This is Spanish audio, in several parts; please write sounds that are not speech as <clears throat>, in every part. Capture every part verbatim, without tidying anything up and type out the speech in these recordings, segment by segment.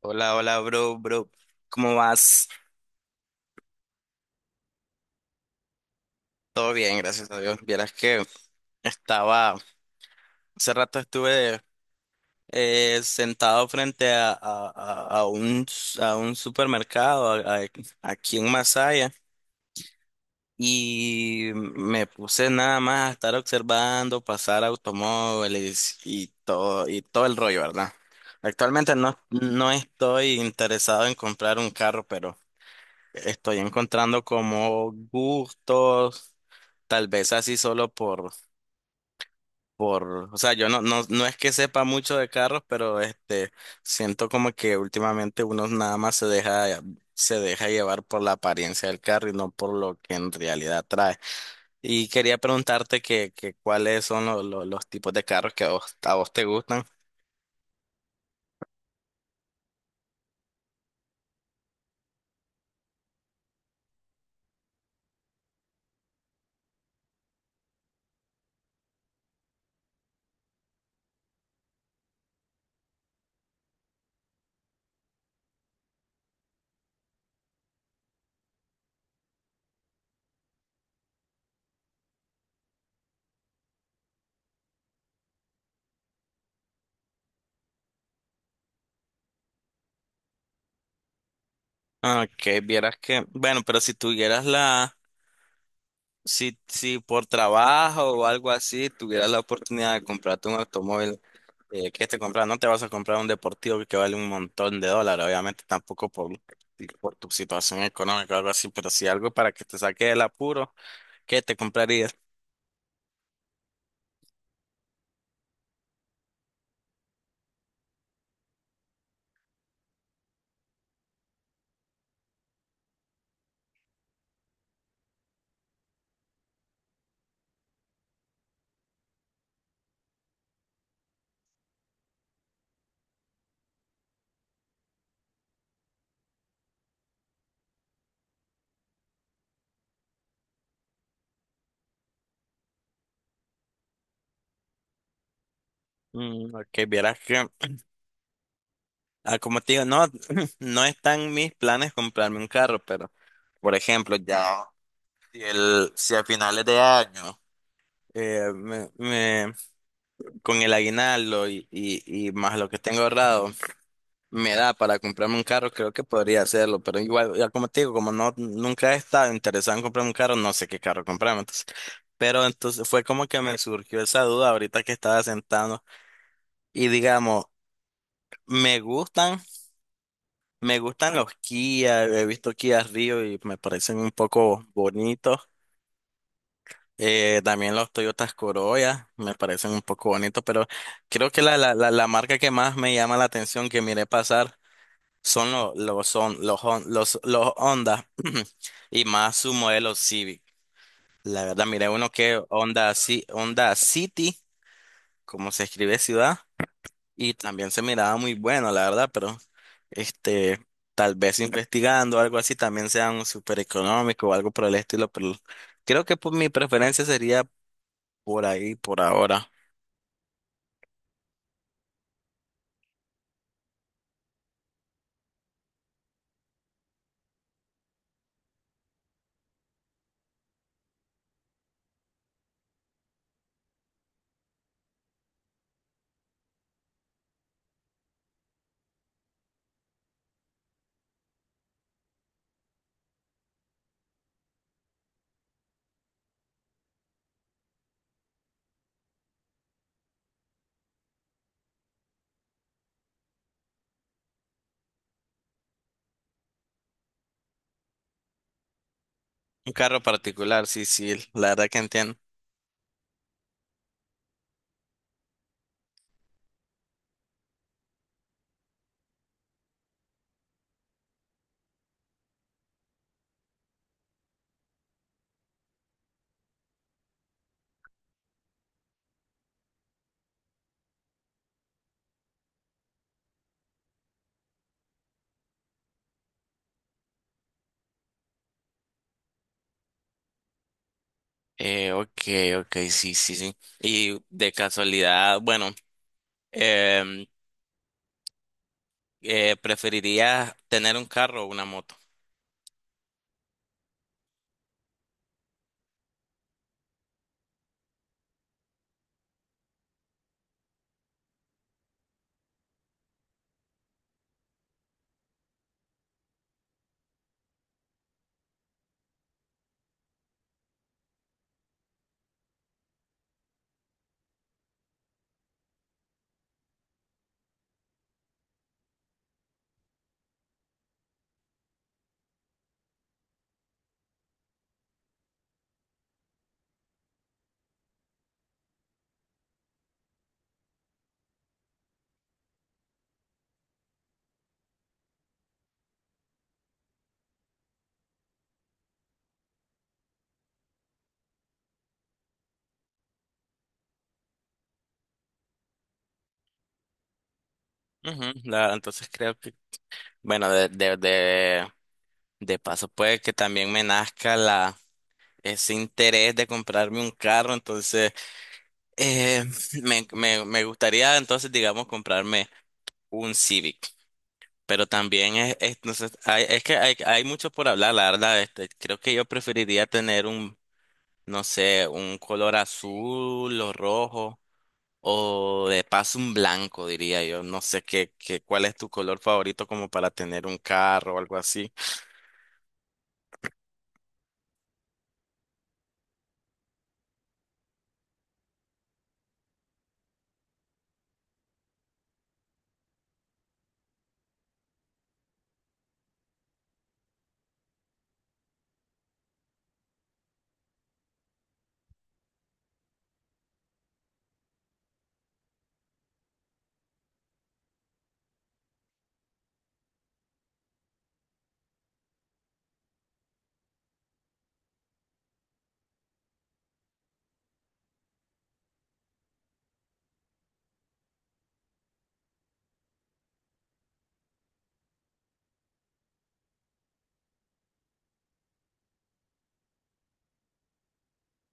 Hola, hola, bro, bro. ¿Cómo vas? Todo bien, gracias a Dios. Vieras que estaba, hace rato estuve eh, sentado frente a, a, a- a un, a un supermercado a- a- aquí en Masaya y me puse nada más a estar observando pasar automóviles y todo, y todo el rollo, ¿verdad? Actualmente no, no estoy interesado en comprar un carro, pero estoy encontrando como gustos. Tal vez así solo por, por, o sea, yo no, no, no es que sepa mucho de carros, pero este, siento como que últimamente uno nada más se deja, se deja llevar por la apariencia del carro y no por lo que en realidad trae. Y quería preguntarte que, que cuáles son lo- lo- los tipos de carros que a vos, a vos te gustan. Ah, que vieras que, bueno, pero si tuvieras la, si, si por trabajo o algo así, tuvieras la oportunidad de comprarte un automóvil. Eh, ¿qué te compras? No te vas a comprar un deportivo que vale un montón de dólares, obviamente tampoco por, por tu situación económica o algo así, pero si algo para que te saque del apuro, ¿qué te comprarías? Mm, ok, vieras que, ah, como te digo, no, <laughs> <clears throat> no están mis planes comprarme un carro, pero, por ejemplo, ya, si, el, si a finales de año, eh, me, me- con el aguinaldo y, y, y más lo que tengo ahorrado, me da para comprarme un carro, creo que podría hacerlo, pero igual, ya como te digo, como no, nunca he estado interesado en comprarme un carro, no sé qué carro comprarme, entonces, pero entonces fue como que me surgió esa duda ahorita que estaba sentado y digamos, me gustan, me gustan los Kia, he visto Kia Rio y me parecen un poco bonitos. Eh, también los Toyotas Corolla me parecen un poco bonitos, pero creo que la, la, la, la marca que más me llama la atención que miré pasar son los los son los Hon- los los Honda <clears throat> y más su modelo Civic. La verdad, miré uno que Honda, Ci- Honda City, como se escribe ciudad, y también se miraba muy bueno, la verdad, pero este tal vez investigando algo así también sea un súper económico o algo por el estilo, pero creo que pues, mi preferencia sería por ahí, por ahora. Un carro particular, sí, sí, la verdad que entiendo. Eh, ok, ok, sí, sí, sí. Y de casualidad, bueno. Em, eh, preferiría tener un carro o una moto. Ujú, la- entonces creo que, bueno, de, de, de, de paso puede que también me nazca la, ese interés de comprarme un carro, entonces eh, <laughs> me, me, me gustaría entonces, digamos, comprarme un Civic, pero también es, es- no sé, hay, es que hay, hay mucho por hablar, la verdad, este, creo que yo preferiría tener un, no sé, un color azul o rojo. O de paso un blanco, diría yo. No sé qué, qué, cuál es tu color favorito como para tener un carro o algo así.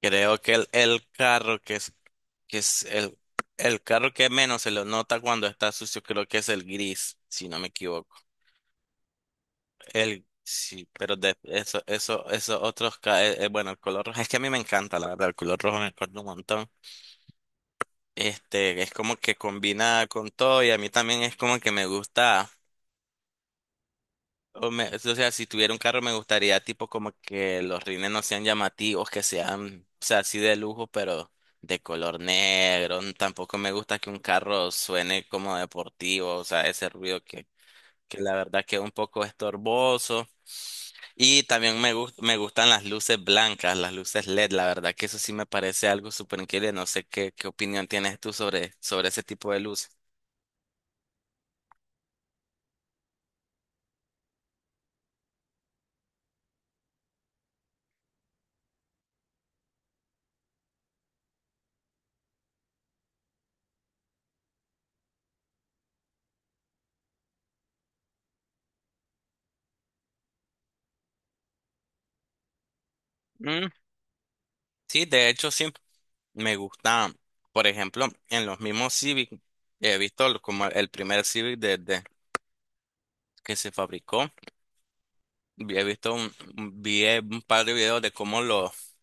Creo que el, el carro que es, que es el, el carro que menos se lo nota cuando está sucio, creo que es el gris, si no me equivoco. El, sí, pero de eso, eso, esos otros, ca- eh, eh, bueno, el color rojo, es que a mí me encanta, la verdad, el color rojo me encanta un montón. Este, es como que combina con todo y a mí también es como que me gusta. O, me- o sea, si tuviera un carro me gustaría tipo como que los rines no sean llamativos, que sean, o sea, así de lujo, pero de color negro. N- Tampoco me gusta que un carro suene como deportivo, o sea, ese ruido que, que la verdad que es un poco estorboso. Y también me gus- me gustan las luces blancas, las luces L E D, la verdad que eso sí me parece algo súper increíble. No sé qué, qué opinión tienes tú sobre, sobre ese tipo de luces. Mm, sí, de hecho sí. Me gusta, por ejemplo, en los mismos Civic, he visto lo- como el primer Civic desde que se fabricó. vi- He visto un, un- vi un par de videos de cómo los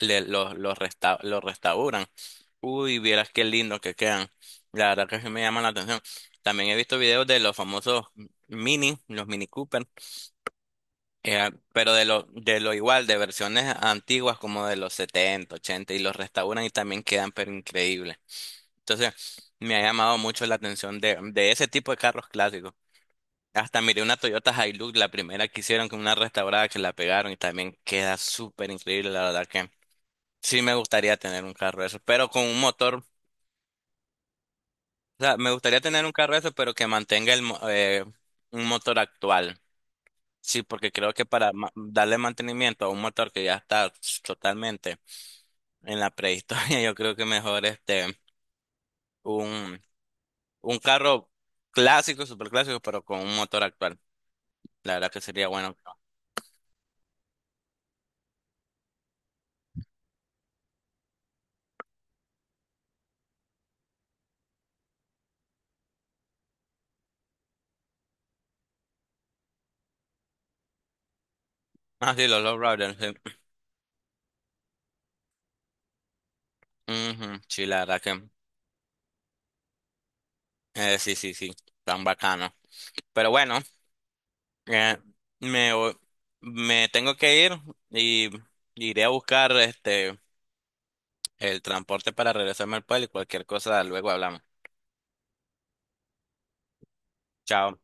le- los los resta- los restauran. Uy, vieras qué lindo que quedan. La verdad que sí me llama la atención. También he visto videos de los famosos Mini, los Mini Cooper, eh, pero de lo, de lo igual, de versiones antiguas como de los setenta ochenta y los restauran y también quedan pero increíbles. Entonces, me ha llamado mucho la atención de, de ese tipo de carros clásicos. Hasta miré una Toyota Hilux, la primera que hicieron con una restaurada que la pegaron y también queda súper increíble, la verdad que sí me gustaría tener un carro de esos, pero con un motor, o sea, me gustaría tener un carro de esos, pero que mantenga el, mo- eh, un motor actual. Sí, porque creo que para ma- darle mantenimiento a un motor que ya está totalmente en la prehistoria, <laughs> yo creo que mejor este, un, un carro clásico, súper clásico, pero con un motor actual. La verdad que sería bueno. Ah, sí, los Love Riders, sí. Ujú, sí, la verdad que. Eh, sí, sí, sí. Tan bacano. Pero bueno, eh, me, voy- me tengo que ir y iré a buscar este el transporte para regresarme al pueblo y cualquier cosa luego hablamos. Chao.